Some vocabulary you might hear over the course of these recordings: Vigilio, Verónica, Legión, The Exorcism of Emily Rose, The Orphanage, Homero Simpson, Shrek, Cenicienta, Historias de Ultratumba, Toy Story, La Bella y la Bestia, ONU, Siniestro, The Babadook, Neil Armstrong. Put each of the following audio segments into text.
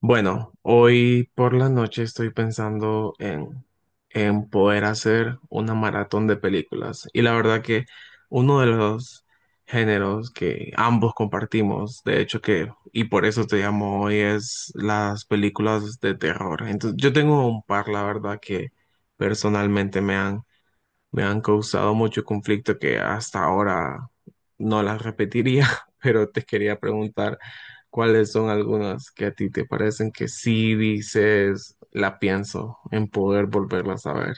Bueno, hoy por la noche estoy pensando en poder hacer una maratón de películas. Y la verdad que uno de los géneros que ambos compartimos, de hecho que, y por eso te llamo hoy, es las películas de terror. Entonces, yo tengo un par, la verdad, que personalmente me han causado mucho conflicto que hasta ahora no las repetiría, pero te quería preguntar cuáles son algunas que a ti te parecen que sí dices, la pienso en poder volverlas a ver.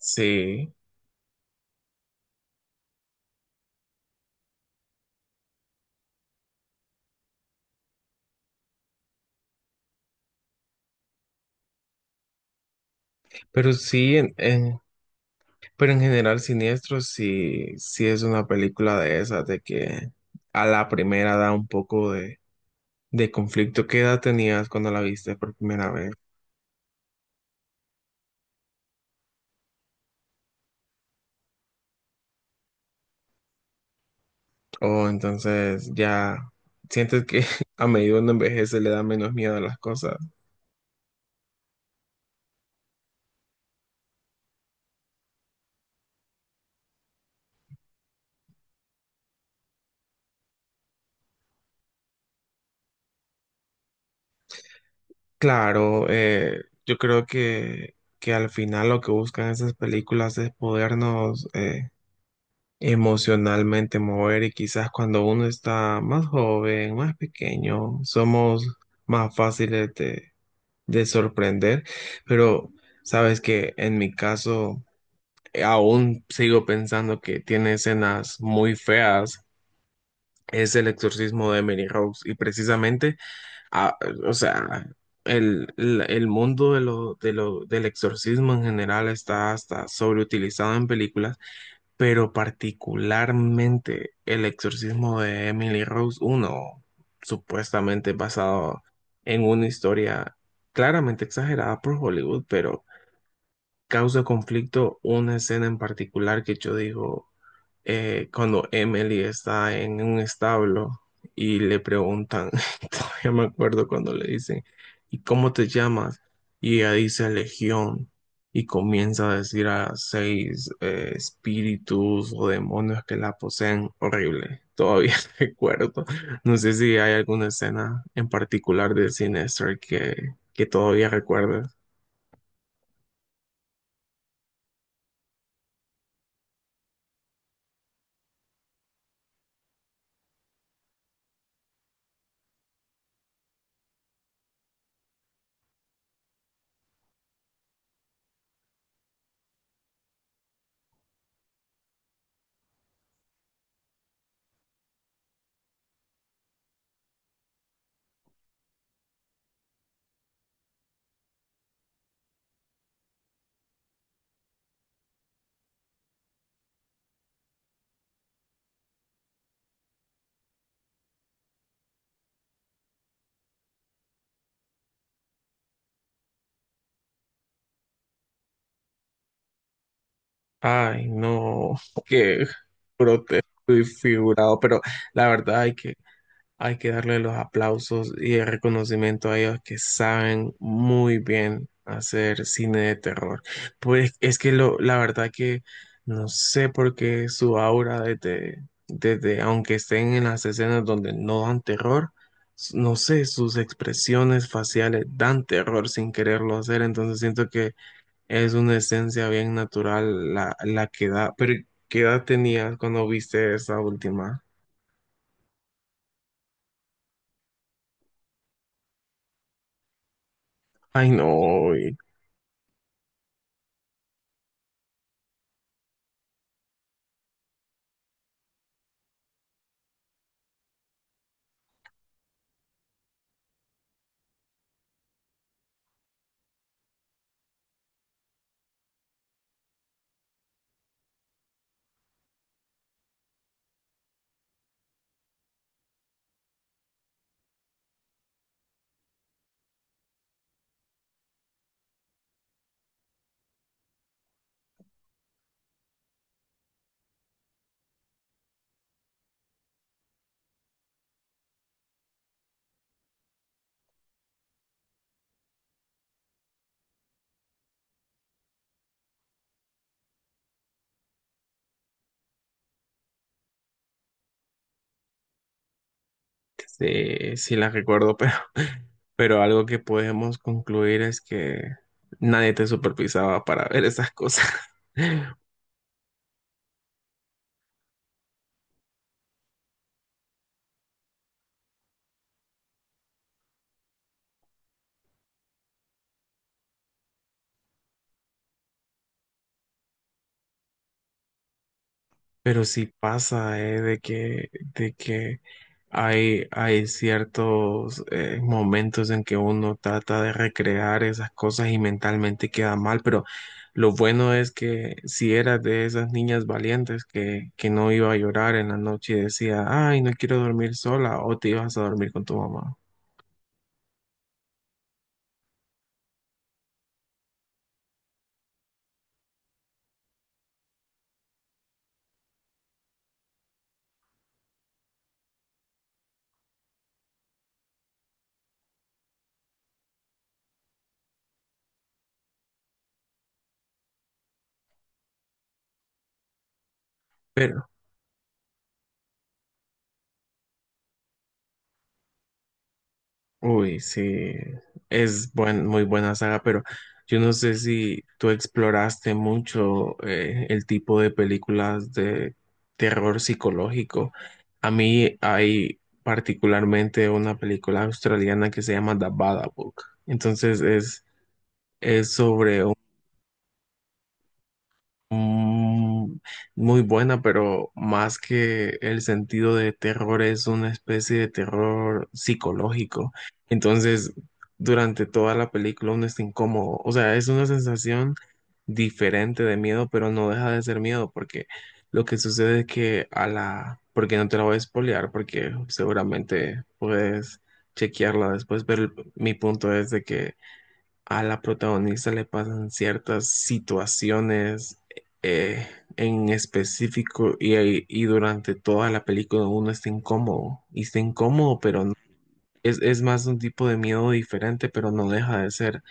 Sí, pero sí, pero en general Siniestro sí, sí es una película de esas, de que a la primera da un poco de conflicto. ¿Qué edad tenías cuando la viste por primera vez? O entonces ya sientes que a medida que uno envejece le da menos miedo a las cosas. Claro, yo creo que al final lo que buscan esas películas es podernos emocionalmente mover, y quizás cuando uno está más joven, más pequeño, somos más fáciles de sorprender. Pero sabes que en mi caso… aún sigo pensando que tiene escenas muy feas, es el exorcismo de Emily Rose. Y precisamente, ah, o sea, el mundo del exorcismo en general está hasta sobreutilizado en películas, pero particularmente el exorcismo de Emily Rose, uno supuestamente basado en una historia claramente exagerada por Hollywood, pero causa conflicto una escena en particular, que yo digo, cuando Emily está en un establo y le preguntan, todavía me acuerdo cuando le dicen, ¿y cómo te llamas? Y ella dice Legión, y comienza a decir a seis espíritus o demonios que la poseen. Horrible, todavía recuerdo. No sé si hay alguna escena en particular de Sinister que todavía recuerdas. Ay, no, qué grotesco y figurado, pero la verdad hay que… Hay que darle los aplausos y el reconocimiento a ellos, que saben muy bien hacer cine de terror. Pues es que lo, la verdad que no sé por qué su aura, aunque estén en las escenas donde no dan terror, no sé, sus expresiones faciales dan terror sin quererlo hacer. Entonces siento que es una esencia bien natural la que da. Pero ¿qué edad tenías cuando viste esa última? Ay, no. Sí, sí las recuerdo, pero, pero algo que podemos concluir es que nadie te supervisaba para ver esas cosas. Pero sí pasa, de que hay, hay ciertos momentos en que uno trata de recrear esas cosas y mentalmente queda mal, pero lo bueno es que si eras de esas niñas valientes que no iba a llorar en la noche y decía, ay, no quiero dormir sola, o te ibas a dormir con tu mamá. Pero… uy, sí, es buen, muy buena saga, pero yo no sé si tú exploraste mucho el tipo de películas de terror psicológico. A mí hay particularmente una película australiana que se llama The Babadook. Entonces es sobre… Mm, muy buena, pero más que el sentido de terror es una especie de terror psicológico. Entonces, durante toda la película uno está incómodo. O sea, es una sensación diferente de miedo, pero no deja de ser miedo, porque lo que sucede es que a la… Porque no te la voy a espolear, porque seguramente puedes chequearla después, pero mi punto es de que a la protagonista le pasan ciertas situaciones eh, en específico, y durante toda la película uno está incómodo y está incómodo, pero es más un tipo de miedo diferente, pero no deja de ser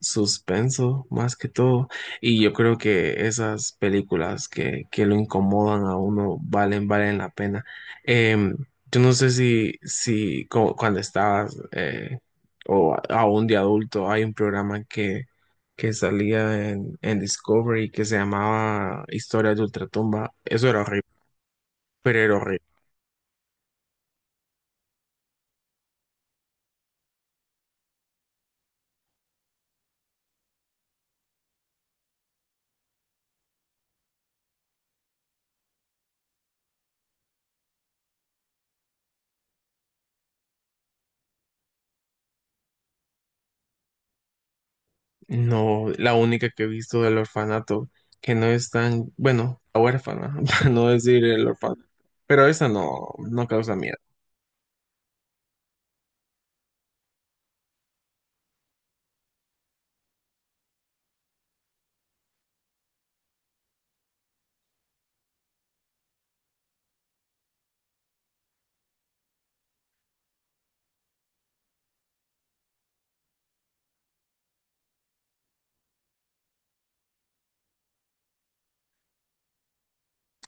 suspenso más que todo. Y yo creo que esas películas que lo incomodan a uno valen, valen la pena. Em, yo no sé si cuando estabas o aún de adulto, hay un programa que salía en Discovery que se llamaba Historias de Ultratumba. Eso era horrible, pero era horrible. No, la única que he visto del orfanato, que no es tan, bueno, la huérfana, para no decir el orfanato, pero esa no, no causa miedo.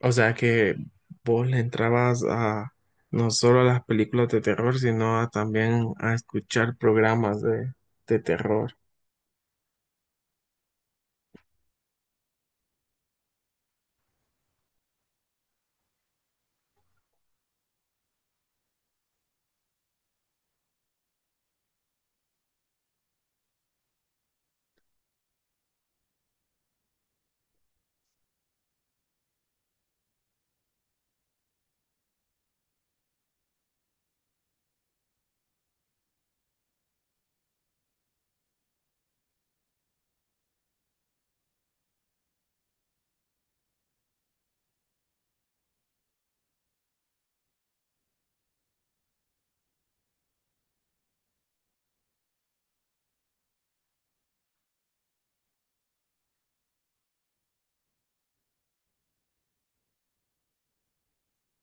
O sea que vos le entrabas a no solo a las películas de terror, sino a también a escuchar programas de terror.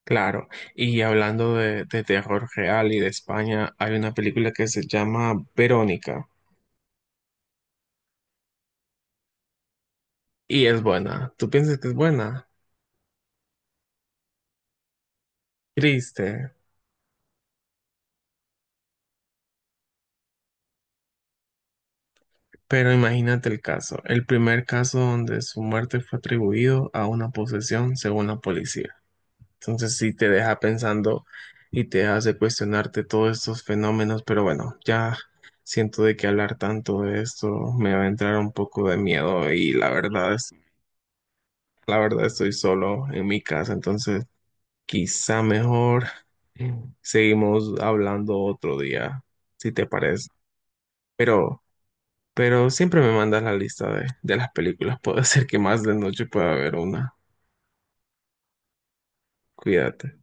Claro, y hablando de terror real y de España, hay una película que se llama Verónica y es buena. ¿Tú piensas que es buena? Triste. Pero imagínate el caso, el primer caso donde su muerte fue atribuido a una posesión según la policía. Entonces sí te deja pensando y te hace cuestionarte todos estos fenómenos, pero bueno, ya siento de que hablar tanto de esto me va a entrar un poco de miedo, y la verdad es, la verdad estoy solo en mi casa, entonces quizá mejor seguimos hablando otro día, si te parece. Pero… pero siempre me mandas la lista de las películas. Puede ser que más de noche pueda haber una. Cuídate.